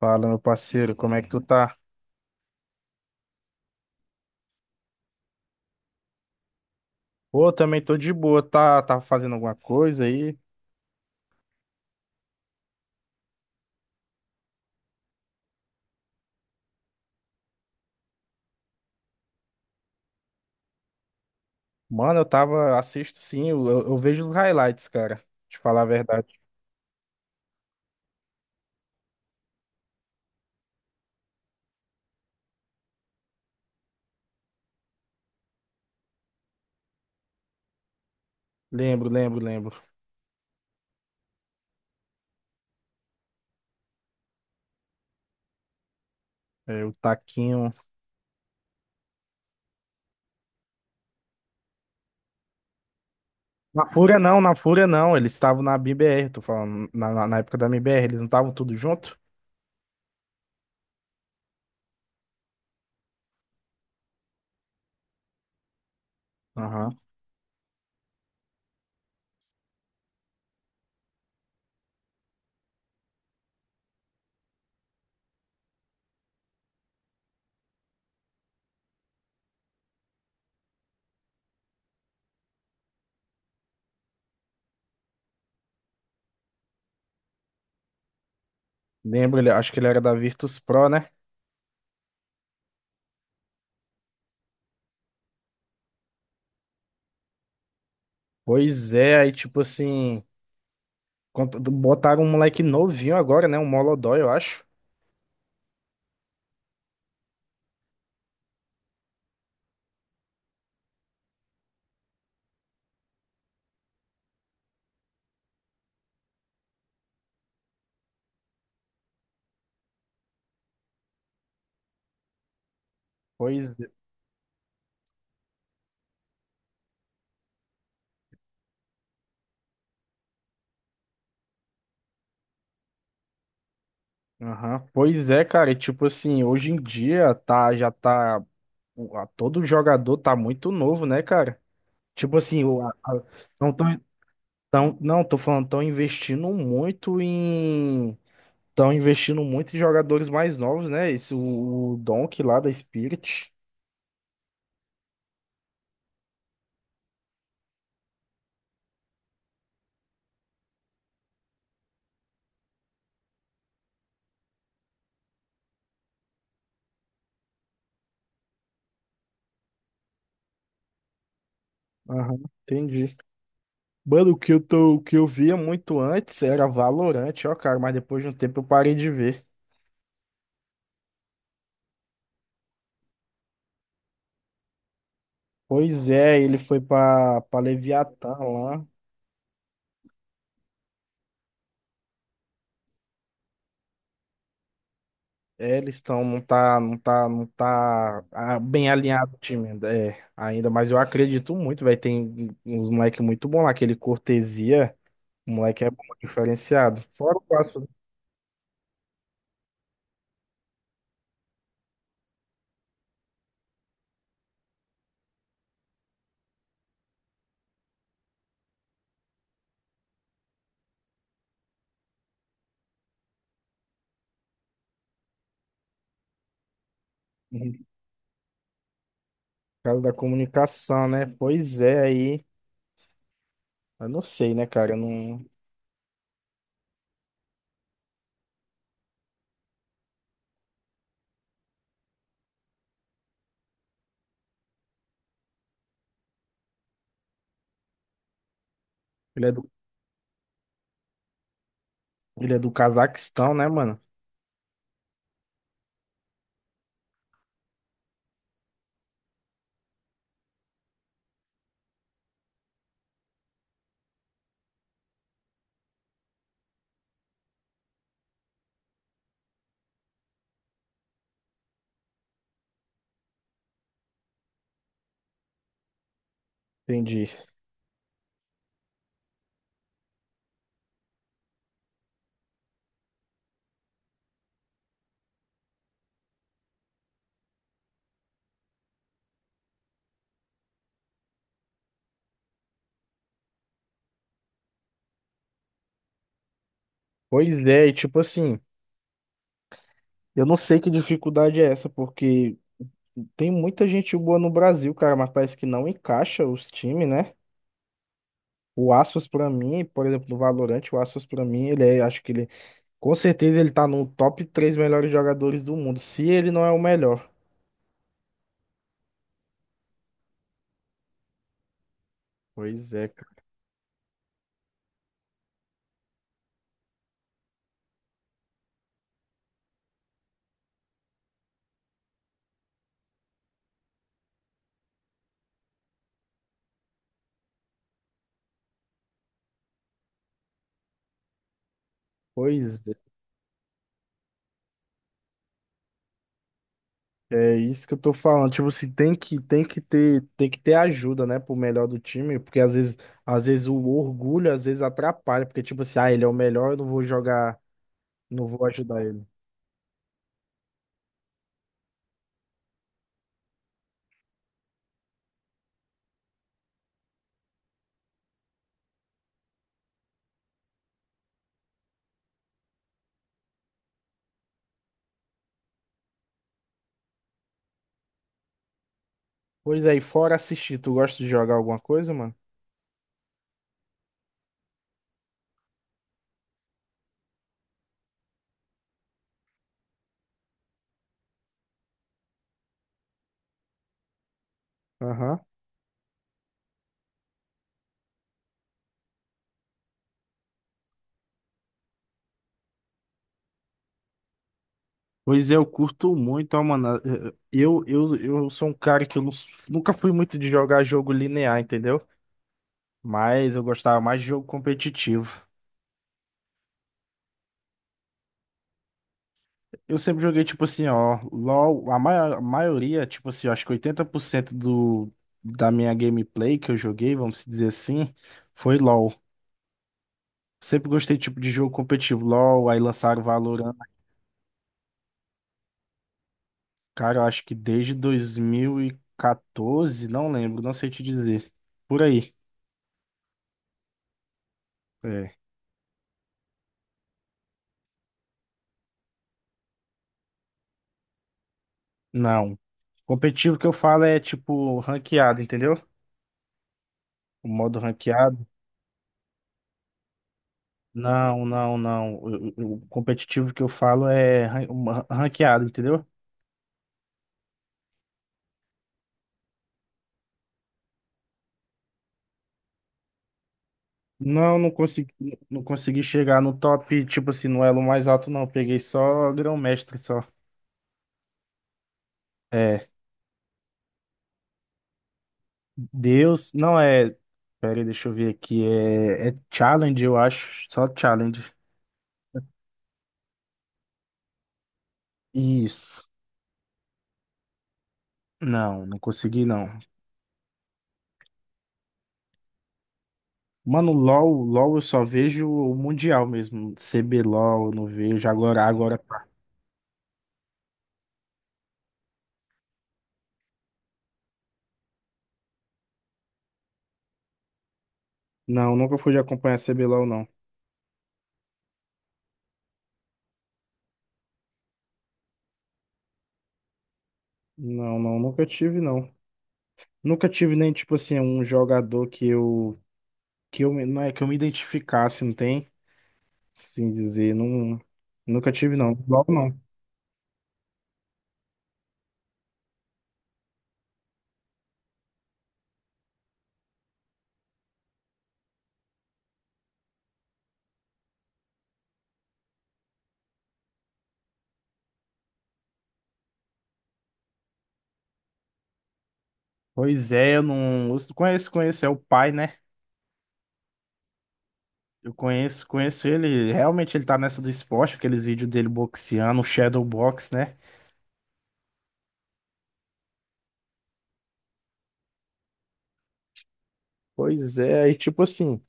Fala, meu parceiro, como é que tu tá? Pô, eu também tô de boa, tá, tá fazendo alguma coisa aí? Mano, eu tava, assisto sim, eu vejo os highlights, cara, te falar a verdade. Lembro, lembro, lembro. É, o Taquinho. Na Fúria não, eles estavam na MIBR, tô falando, na época da MIBR, eles não estavam tudo junto? Aham. Lembro, ele, acho que ele era da Virtus Pro, né? Pois é, aí tipo assim, botaram um moleque novinho agora, né? Um Molodói, eu acho. Pois. Aham. Pois é, cara, e tipo assim, hoje em dia tá, já tá, todo jogador tá muito novo, né, cara? Tipo assim, não tô, tão, não, tô falando, tão investindo muito em jogadores mais novos, né? Esse, o Donkey lá da Spirit. Aham, entendi. Mano, o que eu via muito antes era Valorant, ó, cara, mas depois de um tempo eu parei de ver. Pois é, ele foi pra, Leviatã lá. É, eles estão, não tá, bem alinhado o time ainda, é, ainda, mas eu acredito muito, vai tem uns moleque muito bom lá, aquele Cortesia, o moleque é bom, diferenciado. Fora o caso, uhum, por causa da comunicação, né? Pois é, aí, eu não sei, né, cara, eu não, ele é do, ele é do Cazaquistão, né, mano? Entendi. Pois é, e tipo assim, eu não sei que dificuldade é essa, porque tem muita gente boa no Brasil, cara, mas parece que não encaixa os times, né? O Aspas pra mim, por exemplo, no Valorant, o Aspas pra mim, ele é, acho que ele, com certeza ele tá no top 3 melhores jogadores do mundo, se ele não é o melhor. Pois é, cara. Pois é, é isso que eu tô falando. Tipo assim, tem que ter ajuda, né, pro melhor do time, porque às vezes o orgulho às vezes atrapalha, porque tipo assim, ah, ele é o melhor, eu não vou jogar, não vou ajudar ele. Pois é, e fora assistir, tu gosta de jogar alguma coisa, mano? Aham. Pois é, eu curto muito, ó, mano. Eu sou um cara que eu nunca fui muito de jogar jogo linear, entendeu? Mas eu gostava mais de jogo competitivo. Eu sempre joguei, tipo assim, ó, LOL, maioria, tipo assim, eu acho que 80% da minha gameplay que eu joguei, vamos dizer assim, foi LOL. Sempre gostei, tipo, de jogo competitivo. LOL, aí lançaram Valorant. Cara, eu acho que desde 2014, não lembro, não sei te dizer. Por aí. É. Não. Competitivo que eu falo é tipo ranqueado, entendeu? O modo ranqueado. Não, não, não. O competitivo que eu falo é ranqueado, entendeu? Não, não consegui chegar no top, tipo assim, no elo mais alto, não. Peguei só grão-mestre, só. É, Deus, não é. Pera aí, deixa eu ver aqui. É challenge, eu acho. Só challenge. Isso. Não, não consegui, não. Mano, LOL eu só vejo o Mundial mesmo. CBLOL eu não vejo. Agora, agora. Tá. Não, nunca fui de acompanhar CBLOL, não. Não, não, nunca tive, não. Nunca tive nem, tipo assim, um jogador que eu. Não é que eu me identificasse, não tem? Assim dizer. Não, nunca tive, não. LOL não. Pois é, eu não. Eu conheço. É o pai, né? Eu conheço ele. Realmente ele tá nessa do esporte, aqueles vídeos dele boxeando, o Shadow Box, né? Pois é, aí tipo assim.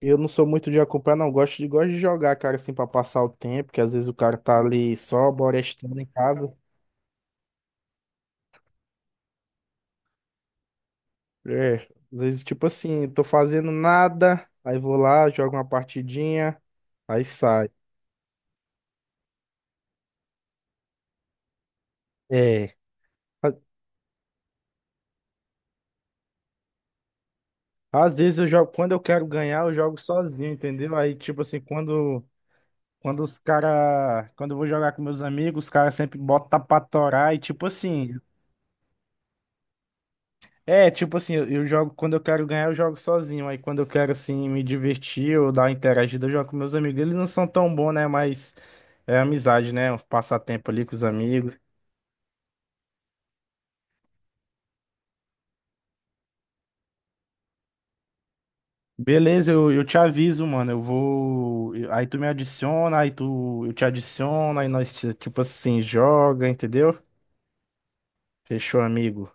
Eu não sou muito de acompanhar, não. Gosto de jogar, cara, assim, pra passar o tempo, que às vezes o cara tá ali só borestando em casa. É, às vezes, tipo assim, tô fazendo nada, aí vou lá, jogo uma partidinha, aí sai. É. a- Às vezes eu jogo, quando eu quero ganhar, eu jogo sozinho, entendeu? Aí, tipo assim, quando eu vou jogar com meus amigos, os caras sempre botam pra torar e, tipo assim, É, tipo assim, eu jogo, quando eu quero ganhar, eu jogo sozinho. Aí quando eu quero, assim, me divertir ou dar uma interagida, eu jogo com meus amigos. Eles não são tão bons, né? Mas é amizade, né? Um passatempo ali com os amigos. Beleza, eu te aviso, mano. Eu vou. Aí tu me adiciona, aí tu. Eu te adiciono, aí nós, tipo assim, joga, entendeu? Fechou, amigo.